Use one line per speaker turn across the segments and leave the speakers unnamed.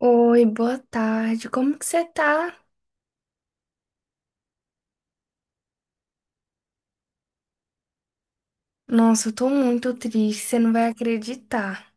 Oi, boa tarde. Como que você tá? Nossa, eu tô muito triste, você não vai acreditar.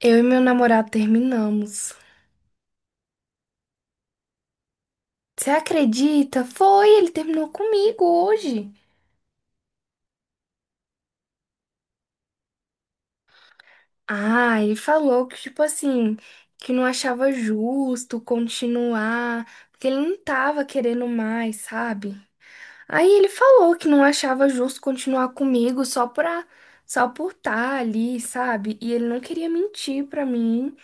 Eu e meu namorado terminamos. Você acredita? Foi, ele terminou comigo hoje. Ah, ele falou que, tipo assim, que não achava justo continuar, porque ele não tava querendo mais, sabe? Aí ele falou que não achava justo continuar comigo só pra, só por estar ali, sabe? E ele não queria mentir pra mim.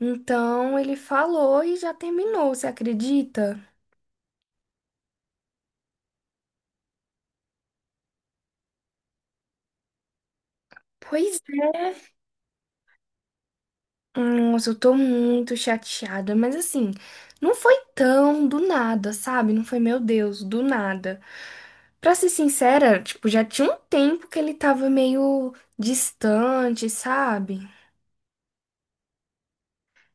Então ele falou e já terminou, você acredita? Pois é. Nossa, eu tô muito chateada, mas assim, não foi tão do nada, sabe? Não foi, meu Deus, do nada. Pra ser sincera, tipo, já tinha um tempo que ele tava meio distante, sabe?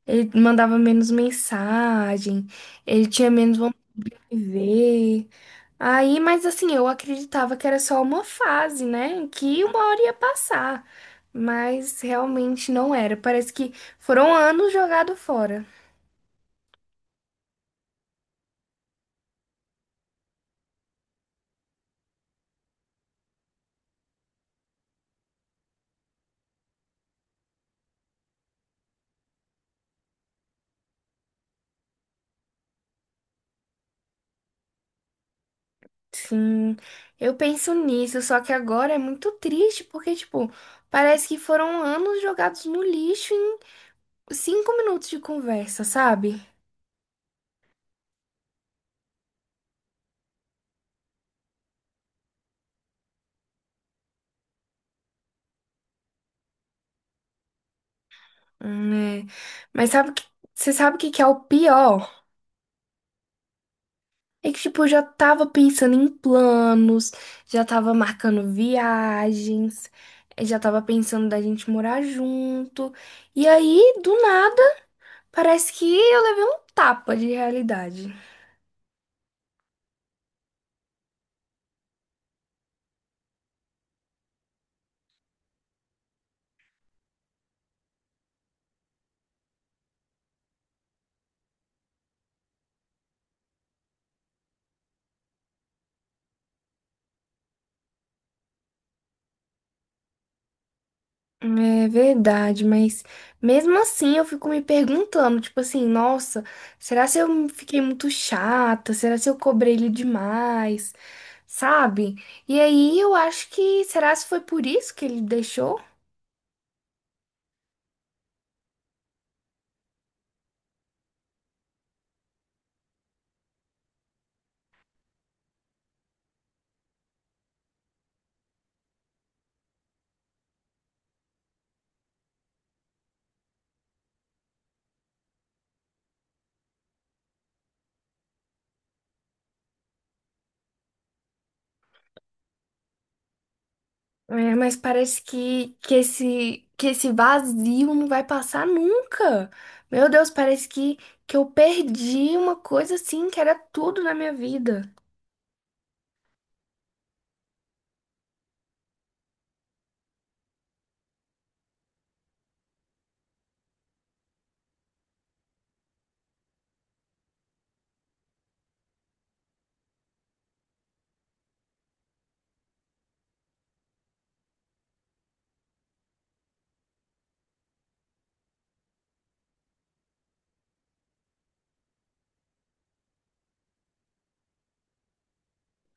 Ele mandava menos mensagem, ele tinha menos vontade de ver. Aí, mas assim, eu acreditava que era só uma fase, né? Que uma hora ia passar. Mas realmente não era. Parece que foram anos jogados fora. Sim, eu penso nisso, só que agora é muito triste, porque, tipo, parece que foram anos jogados no lixo em 5 minutos de conversa, sabe? Hum, é. Mas sabe que, você sabe o que que é o pior? É que, tipo, eu já tava pensando em planos, já tava marcando viagens, já tava pensando da gente morar junto. E aí, do nada, parece que eu levei um tapa de realidade. É verdade, mas mesmo assim eu fico me perguntando, tipo assim, nossa, será se eu fiquei muito chata? Será se eu cobrei ele demais? Sabe? E aí eu acho que, será se foi por isso que ele deixou? É, mas parece que, que esse vazio não vai passar nunca. Meu Deus, parece que eu perdi uma coisa assim que era tudo na minha vida.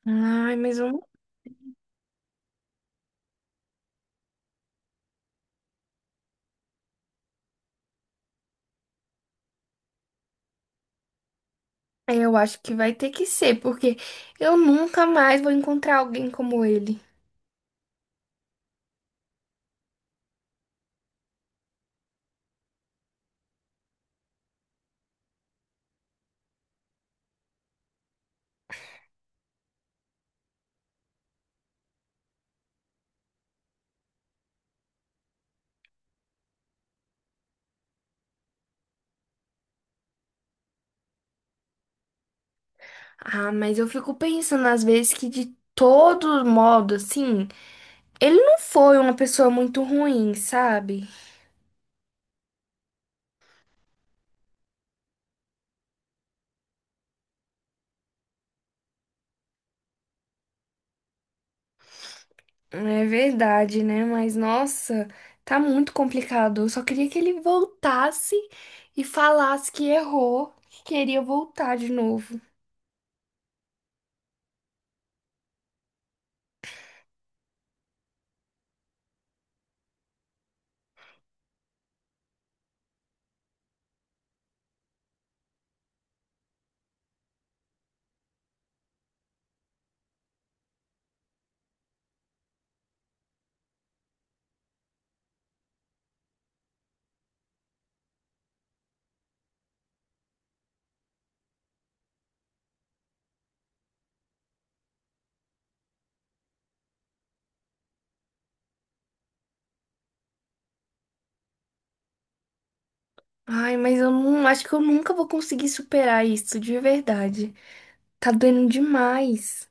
Ai, mas eu acho que vai ter que ser, porque eu nunca mais vou encontrar alguém como ele. Ah, mas eu fico pensando às vezes que de todo modo, assim, ele não foi uma pessoa muito ruim, sabe? É verdade, né? Mas nossa, tá muito complicado. Eu só queria que ele voltasse e falasse que errou, que queria voltar de novo. Ai, mas eu não acho que eu nunca vou conseguir superar isso, de verdade. Tá doendo demais.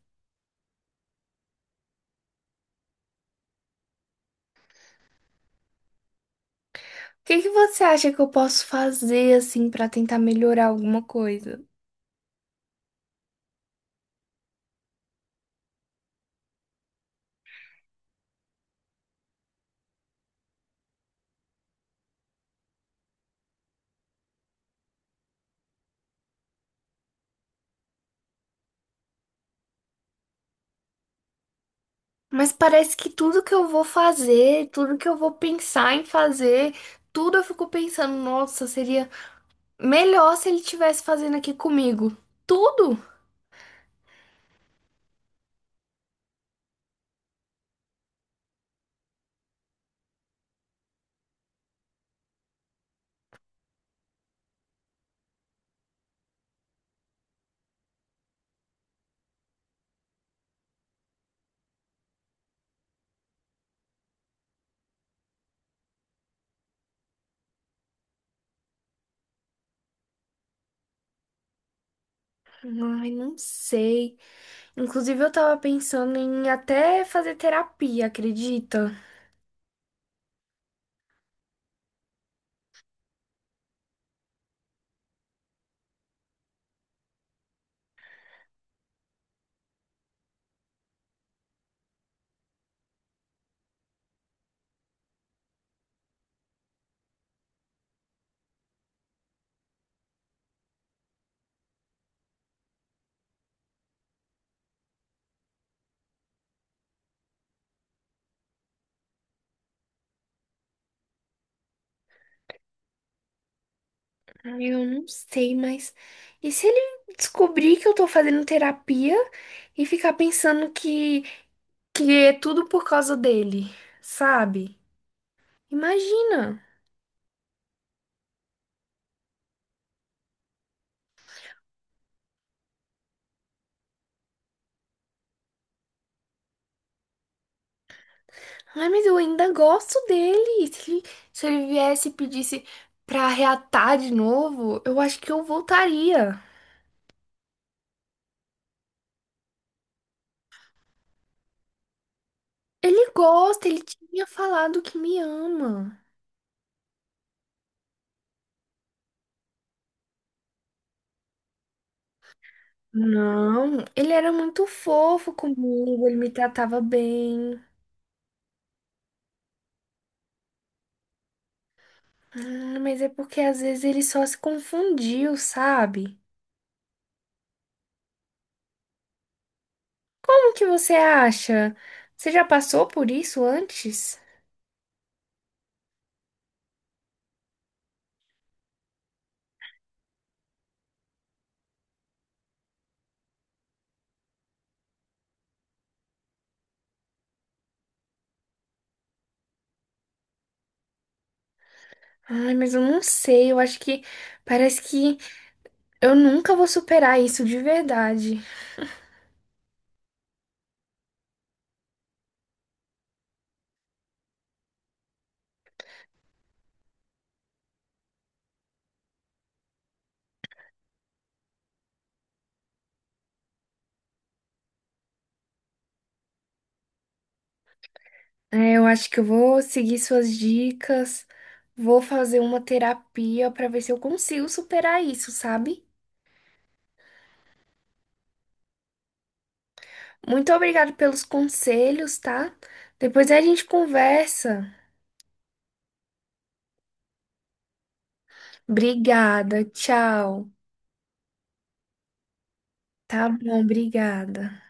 O que que você acha que eu posso fazer assim pra tentar melhorar alguma coisa? Mas parece que tudo que eu vou fazer, tudo que eu vou pensar em fazer, tudo eu fico pensando, nossa, seria melhor se ele tivesse fazendo aqui comigo. Tudo? Ai, não sei. Inclusive, eu tava pensando em até fazer terapia, acredita? Ai, eu não sei, mas. E se ele descobrir que eu tô fazendo terapia e ficar pensando que é tudo por causa dele, sabe? Imagina. Ai, mas eu ainda gosto dele. Se ele viesse e pedisse pra reatar de novo, eu acho que eu voltaria. Ele gosta, ele tinha falado que me ama. Não, ele era muito fofo comigo, ele me tratava bem. Ah, mas é porque às vezes ele só se confundiu, sabe? Como que você acha? Você já passou por isso antes? Ai, mas eu não sei, eu acho que parece que eu nunca vou superar isso de verdade. É, eu acho que eu vou seguir suas dicas, vou fazer uma terapia pra ver se eu consigo superar isso, sabe? Muito obrigada pelos conselhos, tá? Depois a gente conversa. Obrigada, tchau. Tá bom, obrigada.